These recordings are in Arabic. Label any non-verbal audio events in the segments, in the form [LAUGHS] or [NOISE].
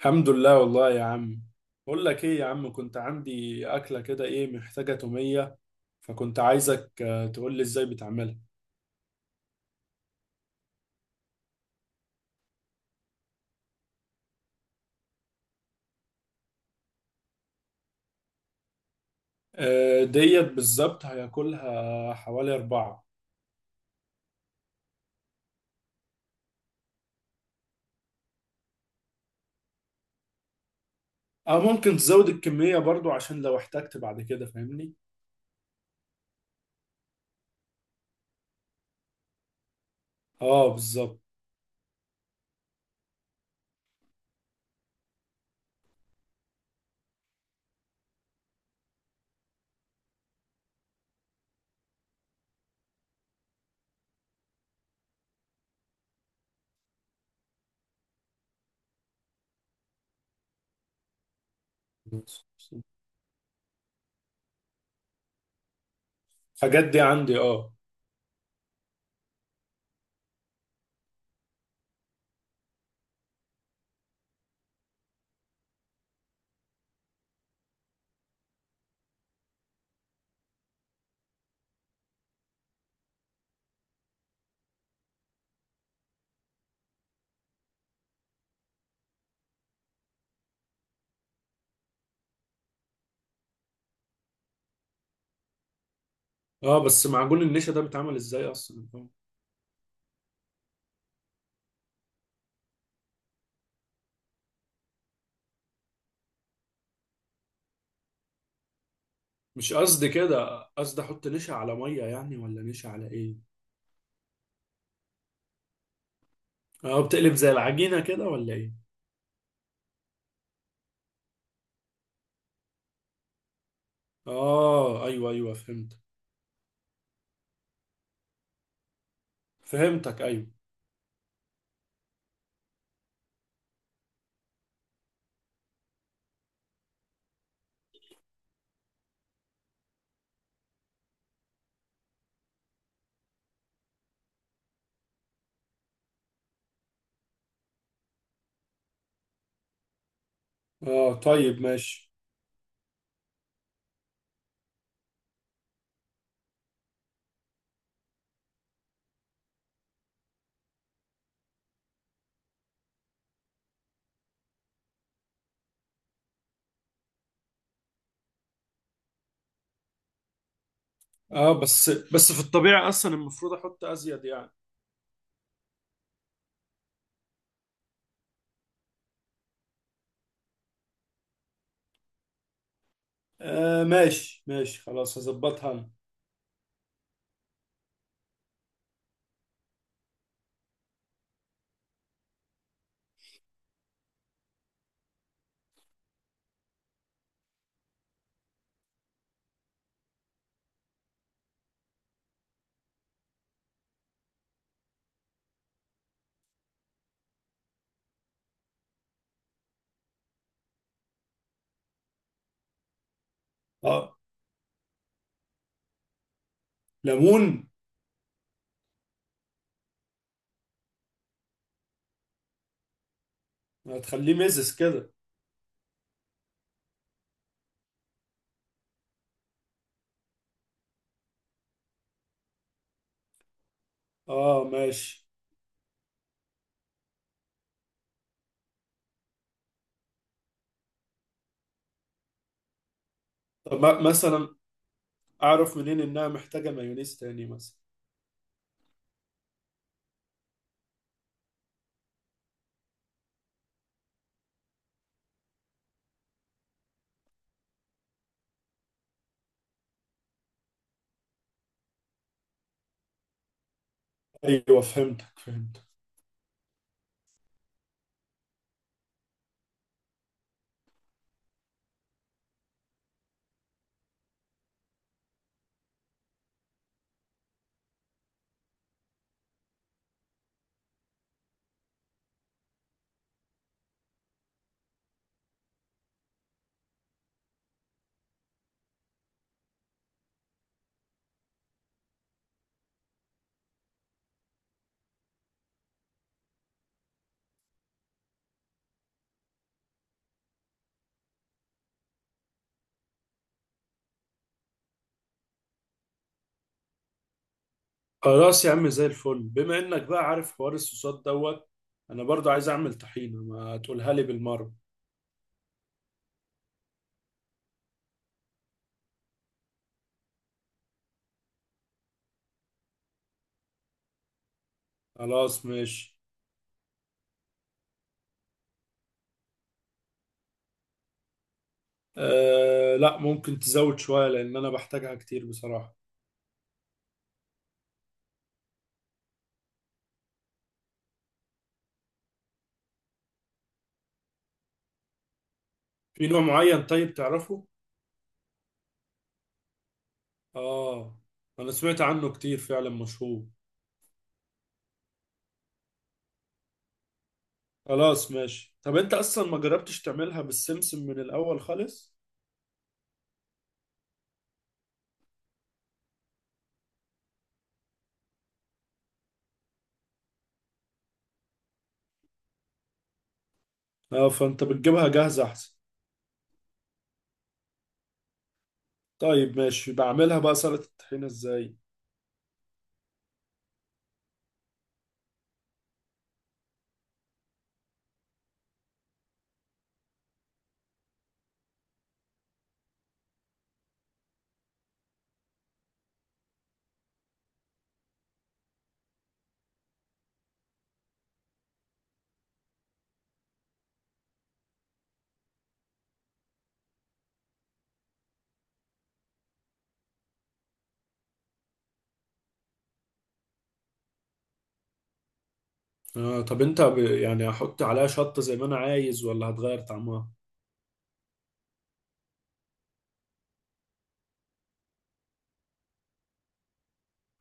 الحمد لله والله يا عم. بقول لك ايه يا عم، كنت عندي اكله كده ايه محتاجه توميه. فكنت عايزك تقول لي ازاي بتعملها. ديت بالظبط هياكلها حوالي اربعه. اه، ممكن تزود الكميه برضو عشان لو احتجت بعد كده فاهمني. اه بالظبط. الحاجات دي عندي اه. اه، بس معجون النشا ده بيتعمل ازاي اصلا مش قصدي كده، قصدي احط نشا على ميه يعني ولا نشا على ايه. اه بتقلب زي العجينه كده ولا ايه. اه ايوه ايوه فهمت. فهمتك ايوه. اه طيب ماشي. اه، بس في الطبيعة اصلا المفروض احط ازيد يعني. آه ماشي ماشي، خلاص هظبطها انا. اه ليمون. هتخليه مزز كده. اه ماشي. طب مثلا اعرف منين انها محتاجة مايونيز تاني مثلا. ايوه فهمتك فهمتك. خلاص يا عم زي الفل، بما انك بقى عارف حوار الصوصات دوت، انا برضو عايز اعمل طحينة، ما تقولها لي بالمرة. خلاص ماشي. أه لا، ممكن تزود شوية لأن أنا بحتاجها كتير بصراحة. في نوع معين طيب تعرفه؟ آه. أنا سمعت عنه كتير فعلا، مشهور. خلاص ماشي. طب أنت أصلا ما جربتش تعملها بالسمسم من الأول خالص؟ آه فأنت بتجيبها جاهزة أحسن. طيب ماشي، بعملها بقى سلطة الطحينة إزاي؟ آه طب أنت يعني هحط عليها شطة زي ما أنا عايز ولا هتغير طعمها؟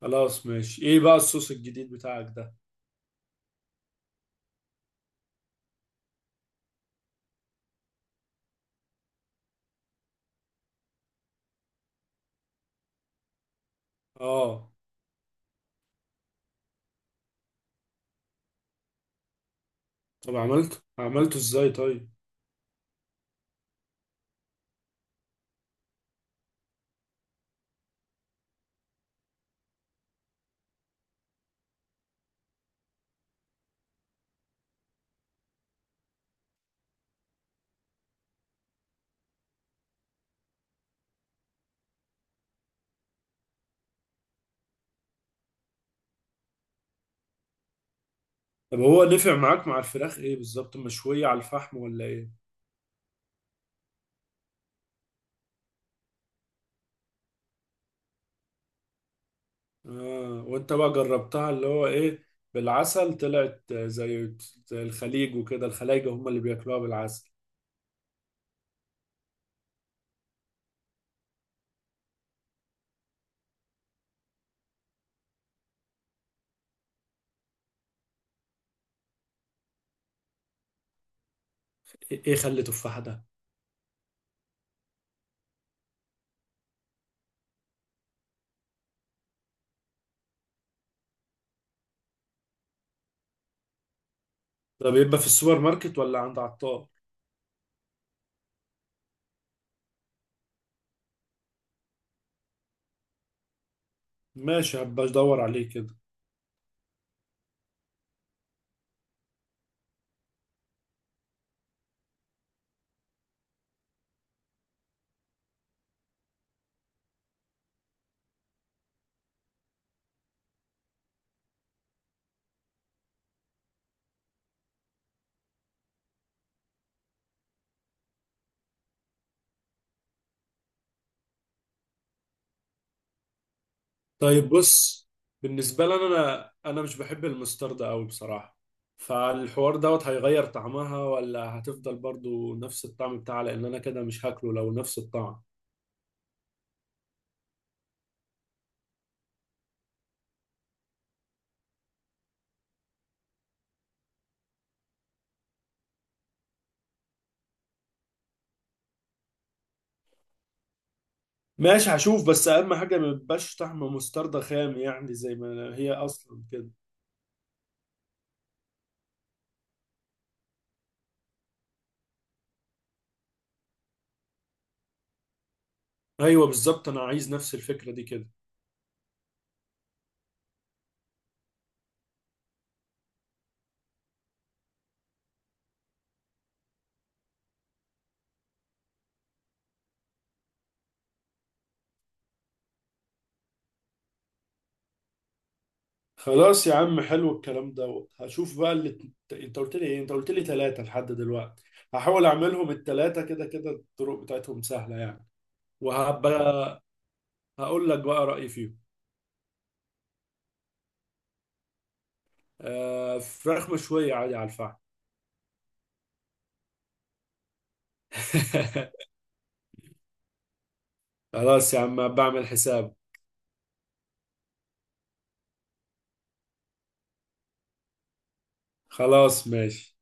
خلاص ماشي. إيه بقى الصوص الجديد بتاعك ده؟ آه طب عملته؟ عملته إزاي طيب؟ طب هو نفع معاك مع الفراخ ايه بالظبط، مشوية على الفحم ولا ايه. اه وانت بقى جربتها اللي هو ايه، بالعسل طلعت زي الخليج، وكده الخلايجة هم اللي بياكلوها بالعسل. ايه إيه، خلي تفاح ده؟ طب يبقى في السوبر ماركت ولا عند عطار؟ ماشي هبقى ادور عليه كده. طيب بص، بالنسبة لي انا مش بحب المسترد قوي بصراحة، فالحوار دوت هيغير طعمها ولا هتفضل برضو نفس الطعم بتاعها؟ لان انا كده مش هاكله لو نفس الطعم. ماشي هشوف، بس اهم حاجه ما يبقاش طعم مستردة خام يعني زي ما هي اصلا كده. ايوه بالظبط، انا عايز نفس الفكره دي كده. خلاص يا عم، حلو الكلام دوت. هشوف بقى اللي انت قلت لي ايه، انت قلت لي ثلاثه لحد دلوقتي. هحاول اعملهم الثلاثه، كده كده الطرق بتاعتهم سهله يعني. وهبقى هقول لك بقى رايي فيهم. آه فراخ مشويه عادي على الفحم. [LAUGHS] خلاص يا عم بعمل حساب. خلاص ماشي.